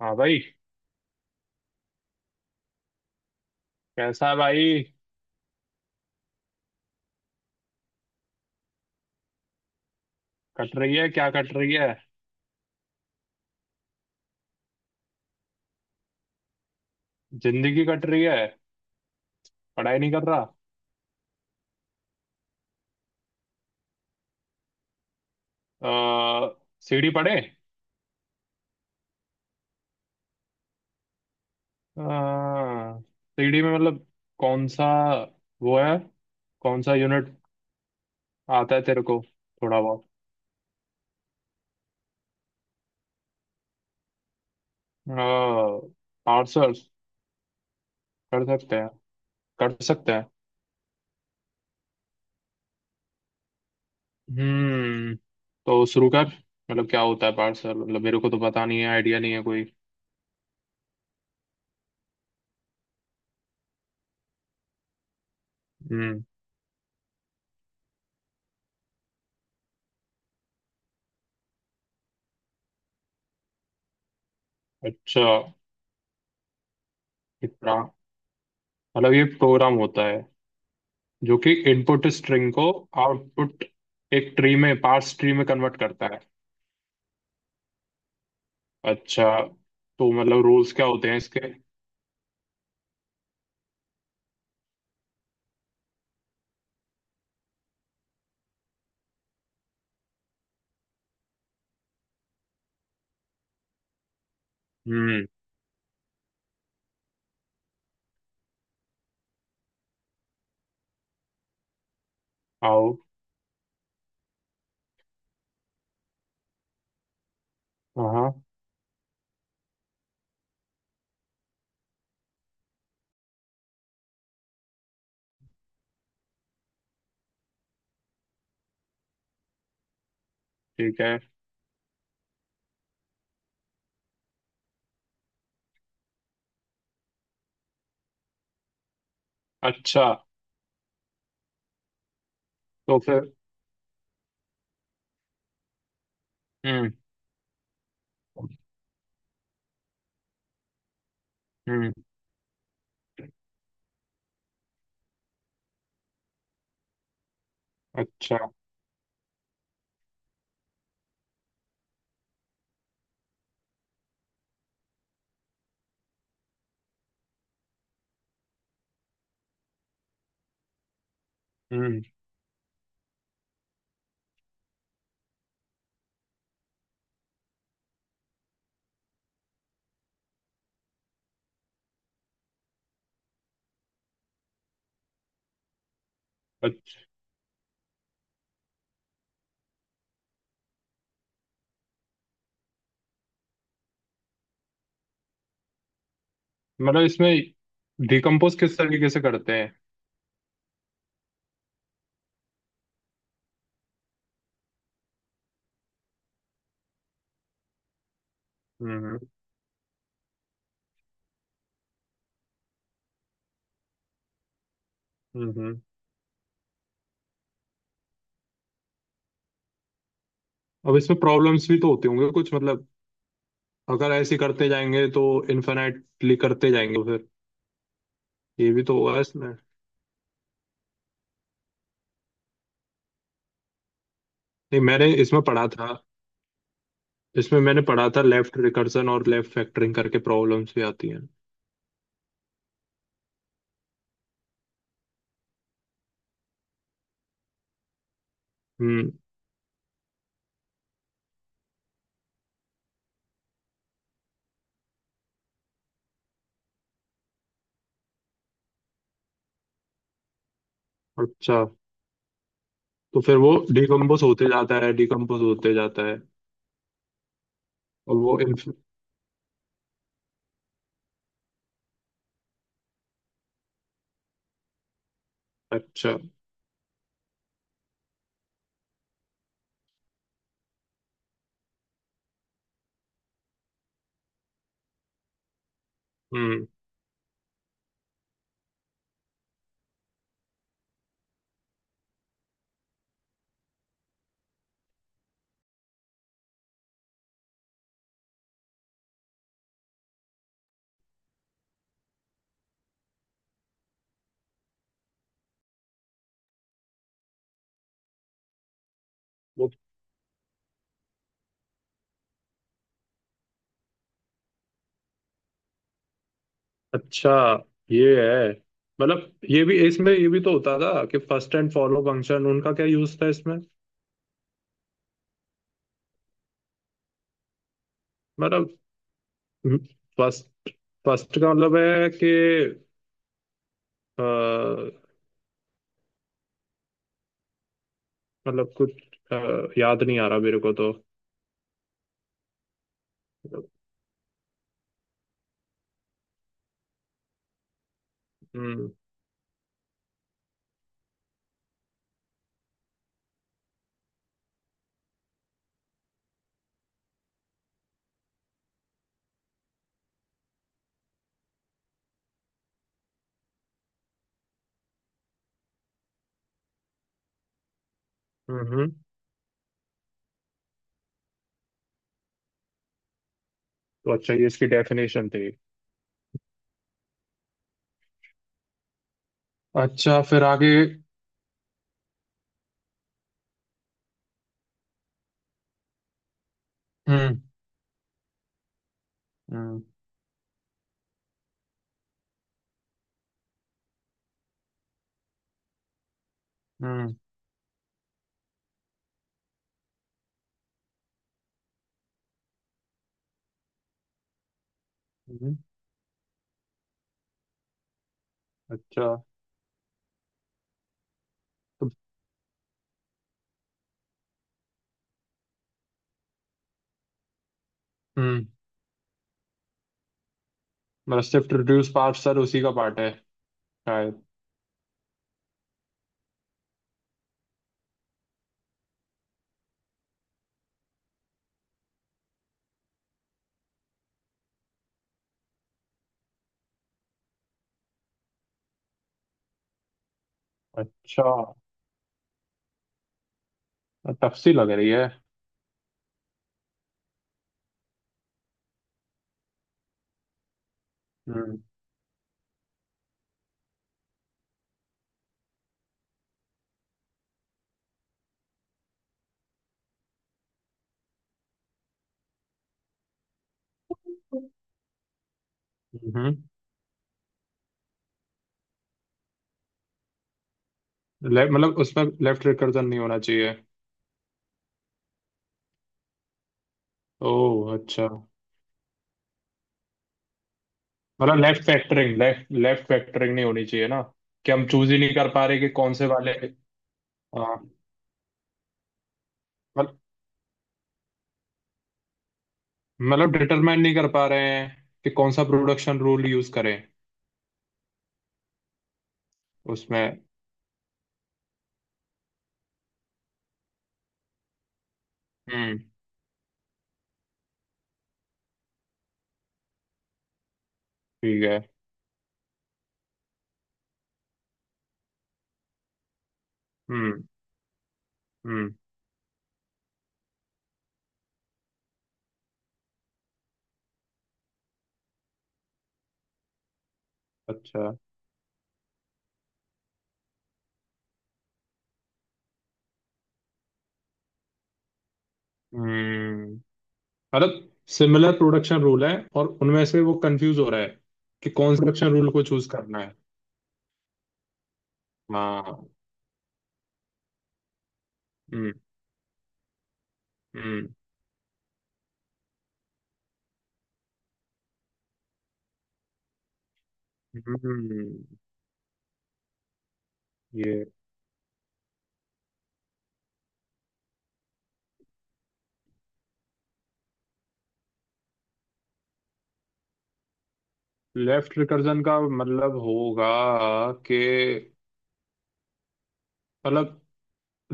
हाँ भाई। कैसा है भाई। कट रही है क्या कट रही है। जिंदगी कट रही है। पढ़ाई नहीं कर रहा। आ, सीढ़ी पढ़े। आ, सीढ़ी में मतलब कौन सा वो है, कौन सा यूनिट आता है तेरे को? थोड़ा बहुत। आर्ट्स कर सकते हैं कर सकते हैं। हम्म। तो शुरू कर। मतलब क्या होता है पार्सल, मतलब मेरे को तो पता नहीं है, आइडिया नहीं है कोई। हम्म। अच्छा। इतना मतलब ये प्रोग्राम होता है, जो कि इनपुट स्ट्रिंग को आउटपुट, एक ट्री में पार्स ट्री में कन्वर्ट करता है। अच्छा। तो मतलब रूल्स क्या होते हैं इसके? हम्म। आओ। हाँ। ठीक है। अच्छा। तो फिर। हम्म। हम्म। अच्छा। हम्म। अच्छा। मतलब इसमें डिकम्पोज किस तरीके से करते हैं? हम्म। हम्म। अब इसमें प्रॉब्लम्स भी तो होती होंगे कुछ, मतलब अगर ऐसे करते जाएंगे तो इन्फिनाइटली करते जाएंगे तो फिर ये भी तो होगा इसमें। नहीं, मैंने इसमें पढ़ा था, इसमें मैंने पढ़ा था लेफ्ट रिकर्सन और लेफ्ट फैक्टरिंग करके प्रॉब्लम्स भी आती हैं। हम्म। अच्छा। तो फिर वो डिकम्पोज होते जाता है डिकम्पोज होते जाता है। और वो inf- अच्छा। हम्म। वो। अच्छा। ये है, मतलब ये भी इसमें ये भी तो होता था कि फर्स्ट एंड फॉलो फंक्शन, उनका क्या यूज था इसमें? मतलब फर्स्ट फर्स्ट का मतलब है कि अ, मतलब कुछ। अ, याद नहीं आ रहा मेरे को तो। हम्म। हम्म। हम्म। तो अच्छा ये इसकी डेफिनेशन थी। अच्छा फिर आगे। हम्म। हम्म। हम्म। हम्म। अच्छा। तो। हम्म। रेसिप्ट रिड्यूस पार्ट सर उसी का पार्ट है शायद। अच्छा। टफ सी लग रही है। हम्म। हम्म। मतलब उसमें लेफ्ट रिकर्जन नहीं होना चाहिए। ओह अच्छा। मतलब left factoring left left factoring नहीं होनी चाहिए ना, कि हम चूज ही नहीं कर पा रहे कि कौन से वाले। हाँ। मत- मतलब डिटरमाइन नहीं कर पा रहे हैं कि कौन सा प्रोडक्शन रूल यूज करें उसमें। हम्म। ठीक है। हम्म। हम्म। अच्छा। हम्म। मतलब सिमिलर प्रोडक्शन रूल है और उनमें से वो कंफ्यूज हो रहा है कि कौन सा प्रोडक्शन रूल को चूज करना है। हाँ। हम्म। हम्म। हम्म। ये। लेफ्ट रिकर्जन का मतलब होगा कि, मतलब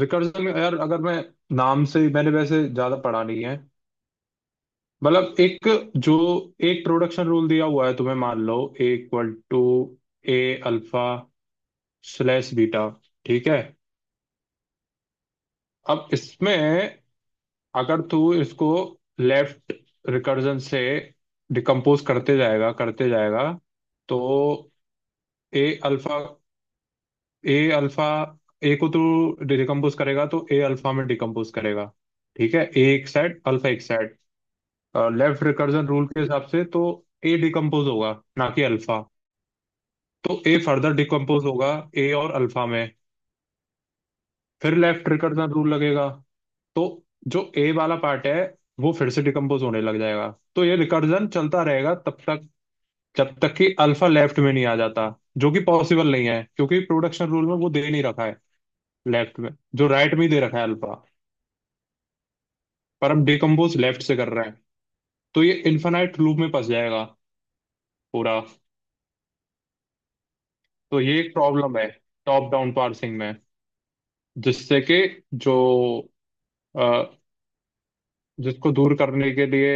रिकर्जन यार, अगर मैं नाम से मैंने वैसे ज्यादा पढ़ा नहीं है। मतलब एक जो एक प्रोडक्शन रूल दिया हुआ है तुम्हें, मान लो A equal to A alpha slash beta. ठीक है। अब इसमें अगर तू इसको लेफ्ट रिकर्जन से डिकम्पोज करते जाएगा करते जाएगा, तो A alpha, A alpha, A को तू डिकम्पोज करेगा तो ए अल्फा में डिकम्पोज करेगा। ठीक है। ए एक साइड, अल्फा एक साइड। लेफ्ट रिकर्जन रूल के हिसाब से तो ए डिकम्पोज होगा, ना कि अल्फा। तो ए फर्दर डिकम्पोज होगा ए और अल्फा में। फिर लेफ्ट रिकर्जन रूल लगेगा तो जो ए वाला पार्ट है वो फिर से डिकम्पोज होने लग जाएगा। तो ये रिकर्जन चलता रहेगा तब तक जब तक कि अल्फा लेफ्ट में नहीं आ जाता, जो कि पॉसिबल नहीं है क्योंकि प्रोडक्शन रूल में वो दे नहीं रखा है लेफ्ट में, जो राइट में ही दे रखा है अल्फा, पर हम डिकम्पोज लेफ्ट से कर रहे हैं। तो ये इन्फिनाइट लूप में फंस जाएगा पूरा। तो ये एक प्रॉब्लम है टॉप डाउन पार्सिंग में, जिससे कि, जो जिसको दूर करने के लिए,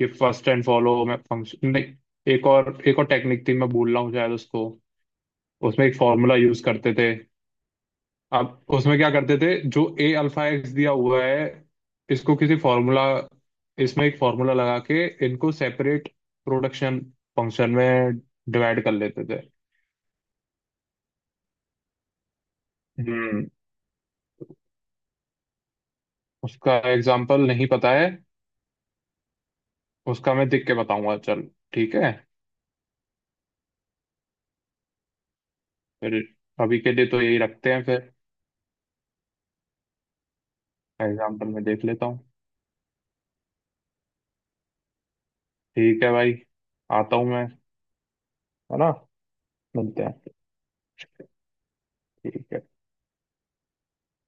ये फर्स्ट एंड फॉलो में फंक्शन नहीं, एक और टेक्निक थी मैं भूल रहा हूँ शायद उसको। उसमें एक फॉर्मूला यूज करते थे। अब उसमें क्या करते थे, जो ए अल्फा एक्स दिया हुआ है, इसको किसी फॉर्मूला, इसमें एक फॉर्मूला लगा के इनको सेपरेट प्रोडक्शन फंक्शन में डिवाइड कर लेते थे। हम्म। उसका एग्जाम्पल नहीं पता है। उसका मैं देख के बताऊंगा चल। ठीक है फिर। अभी के लिए तो यही रखते हैं फिर। एग्जाम्पल में देख लेता हूँ। ठीक है भाई। आता हूँ मैं, है ना। मिलते हैं। ठीक है।